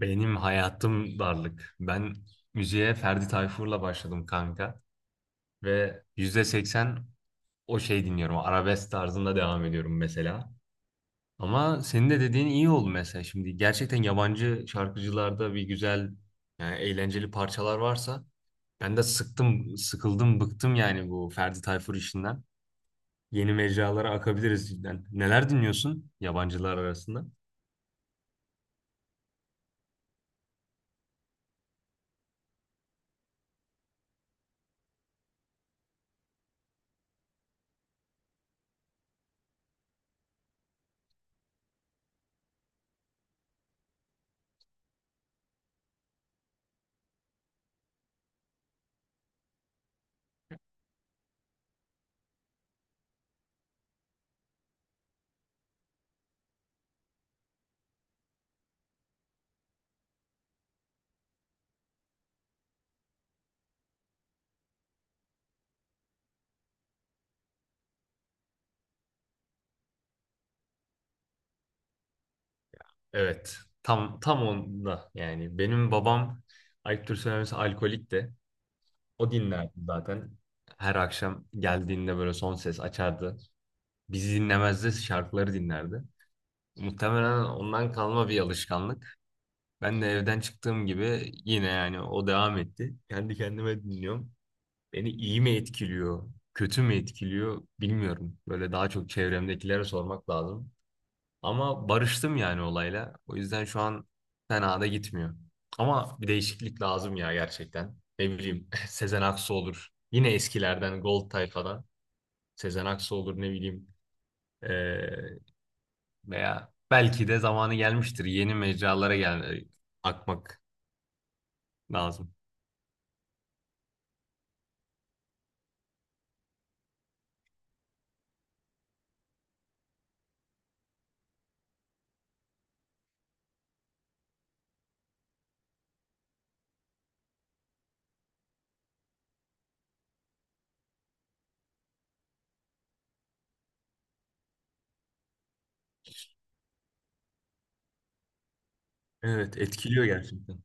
Benim hayatım darlık. Ben müziğe Ferdi Tayfur'la başladım kanka. Ve %80 o şey dinliyorum. Arabesk tarzında devam ediyorum mesela. Ama senin de dediğin iyi oldu mesela. Şimdi gerçekten yabancı şarkıcılarda bir güzel, yani eğlenceli parçalar varsa ben de sıktım, sıkıldım, bıktım yani bu Ferdi Tayfur işinden. Yeni mecralara akabiliriz cidden. Neler dinliyorsun yabancılar arasında? Evet. Tam onda yani benim babam ayıptır söylemesi alkolik de o dinlerdi zaten. Her akşam geldiğinde böyle son ses açardı. Bizi dinlemezdi, şarkıları dinlerdi. Muhtemelen ondan kalma bir alışkanlık. Ben de evden çıktığım gibi yine yani o devam etti. Kendi kendime dinliyorum. Beni iyi mi etkiliyor, kötü mü etkiliyor bilmiyorum. Böyle daha çok çevremdekilere sormak lazım. Ama barıştım yani olayla. O yüzden şu an fena da gitmiyor. Ama bir değişiklik lazım ya gerçekten. Ne bileyim Sezen Aksu olur. Yine eskilerden Gold tayfadan. Sezen Aksu olur ne bileyim. Ee, Veya belki de zamanı gelmiştir. Yeni mecralara gel akmak lazım. Evet, etkiliyor gerçekten.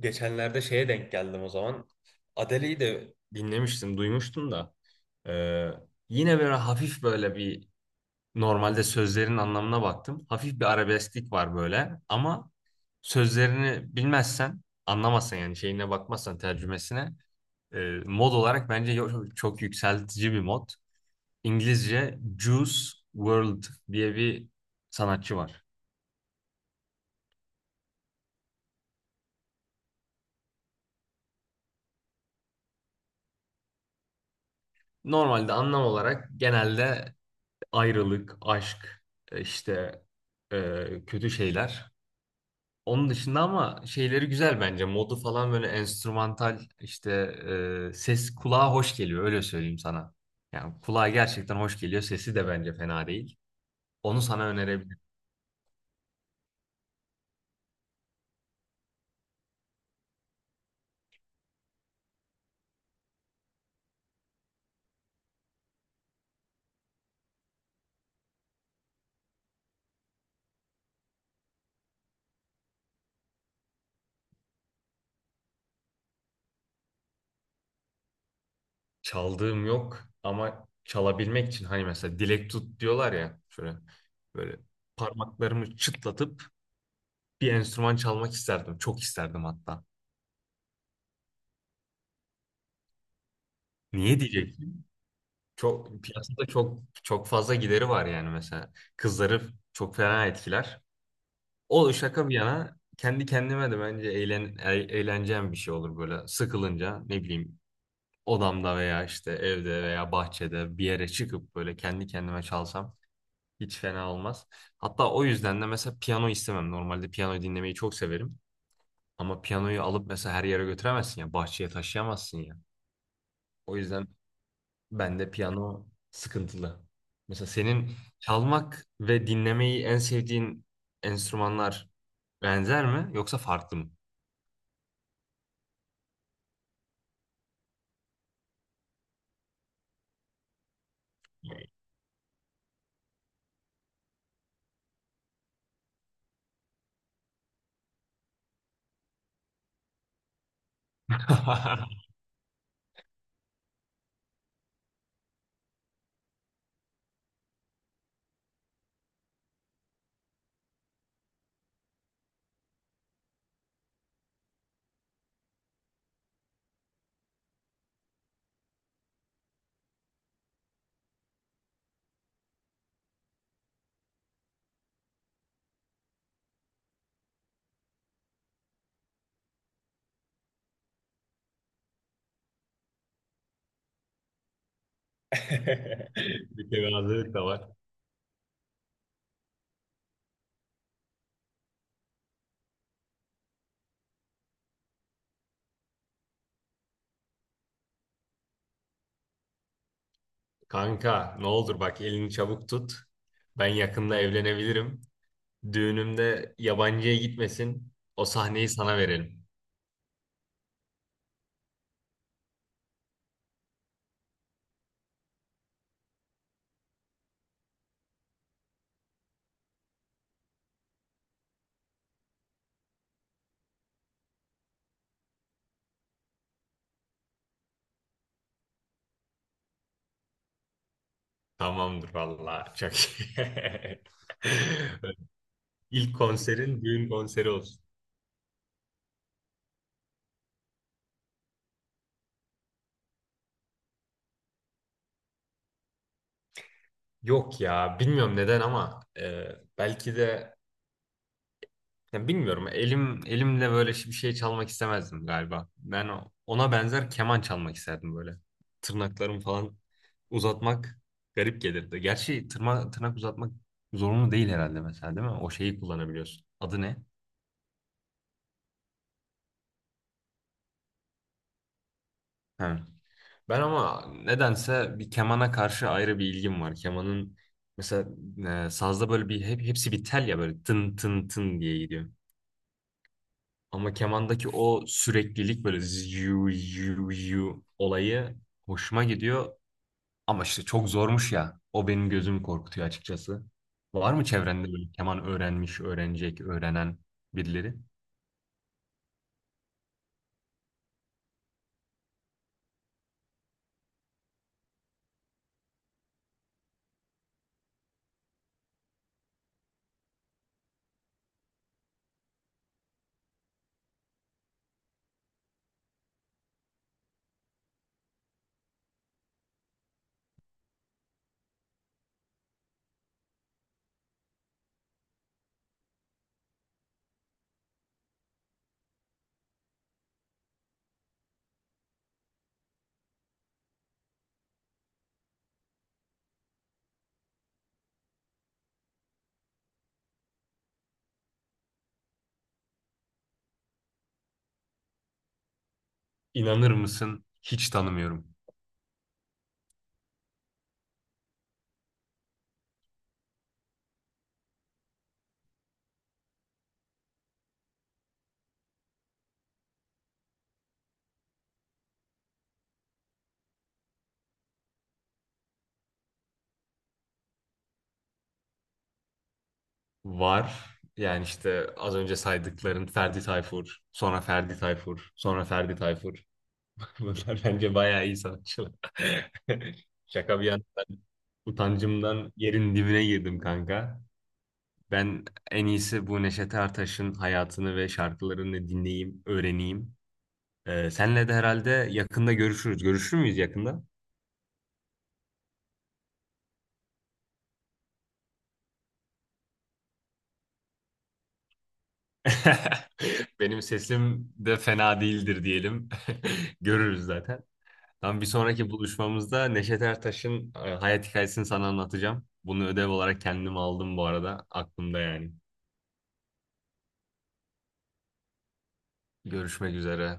Geçenlerde şeye denk geldim o zaman. Adele'yi de dinlemiştim, duymuştum da. Ee, Yine böyle hafif böyle bir, normalde sözlerin anlamına baktım. Hafif bir arabesklik var böyle ama sözlerini bilmezsen, anlamazsan yani şeyine bakmazsan tercümesine e, mod olarak bence çok yükseltici bir mod. İngilizce Juice World diye bir sanatçı var. Normalde anlam olarak genelde ayrılık, aşk, e, işte kötü şeyler. Onun dışında ama şeyleri güzel bence. Modu falan böyle enstrümantal işte, ses kulağa hoş geliyor, öyle söyleyeyim sana. Yani kulağa gerçekten hoş geliyor. Sesi de bence fena değil. Onu sana önerebilirim. Çaldığım yok ama çalabilmek için hani mesela dilek tut diyorlar ya, şöyle böyle parmaklarımı çıtlatıp bir enstrüman çalmak isterdim. Çok isterdim hatta. Niye diyeceksin? Çok piyasada çok çok fazla gideri var yani mesela. Kızları çok fena etkiler. O şaka bir yana kendi kendime de bence eğleneceğim bir şey olur böyle sıkılınca ne bileyim, odamda veya işte evde veya bahçede bir yere çıkıp böyle kendi kendime çalsam hiç fena olmaz. Hatta o yüzden de mesela piyano istemem. Normalde piyano dinlemeyi çok severim ama piyanoyu alıp mesela her yere götüremezsin ya, bahçeye taşıyamazsın ya. O yüzden bende piyano sıkıntılı. Mesela senin çalmak ve dinlemeyi en sevdiğin enstrümanlar benzer mi yoksa farklı mı? Bir tevazılık da var. Kanka ne olur bak, elini çabuk tut. Ben yakında evlenebilirim. Düğünümde yabancıya gitmesin. O sahneyi sana verelim. Tamamdır valla. Çok iyi. İlk konserin düğün konseri olsun. Yok ya, bilmiyorum neden ama belki de, ya bilmiyorum. Elim elimle böyle bir şey çalmak istemezdim galiba. Ben ona benzer keman çalmak isterdim böyle. Tırnaklarımı falan uzatmak garip gelirdi. Gerçi tırnak uzatmak zorunlu değil herhalde mesela, değil mi? O şeyi kullanabiliyorsun. Adı ne? Ha. Ben ama nedense bir kemana karşı ayrı bir ilgim var. Kemanın mesela, sazda böyle bir hepsi bir tel ya, böyle tın tın tın diye gidiyor. Ama kemandaki o süreklilik, böyle yu yu yu olayı hoşuma gidiyor. Ama işte çok zormuş ya. O benim gözümü korkutuyor açıkçası. Var mı çevrende böyle keman öğrenmiş, öğrenecek, öğrenen birileri? İnanır mısın? Hiç tanımıyorum. Var. Yani işte az önce saydıkların Ferdi Tayfur, sonra Ferdi Tayfur, sonra Ferdi Tayfur. Bunlar bence bayağı iyi sanatçılar. Şaka bir yana ben utancımdan yerin dibine girdim kanka. Ben en iyisi bu Neşet Ertaş'ın hayatını ve şarkılarını dinleyeyim, öğreneyim. Senle de herhalde yakında görüşürüz. Görüşür müyüz yakında? Benim sesim de fena değildir diyelim. Görürüz zaten. Tam bir sonraki buluşmamızda Neşet Ertaş'ın hayat hikayesini sana anlatacağım. Bunu ödev olarak kendim aldım bu arada. Aklımda yani. Görüşmek üzere.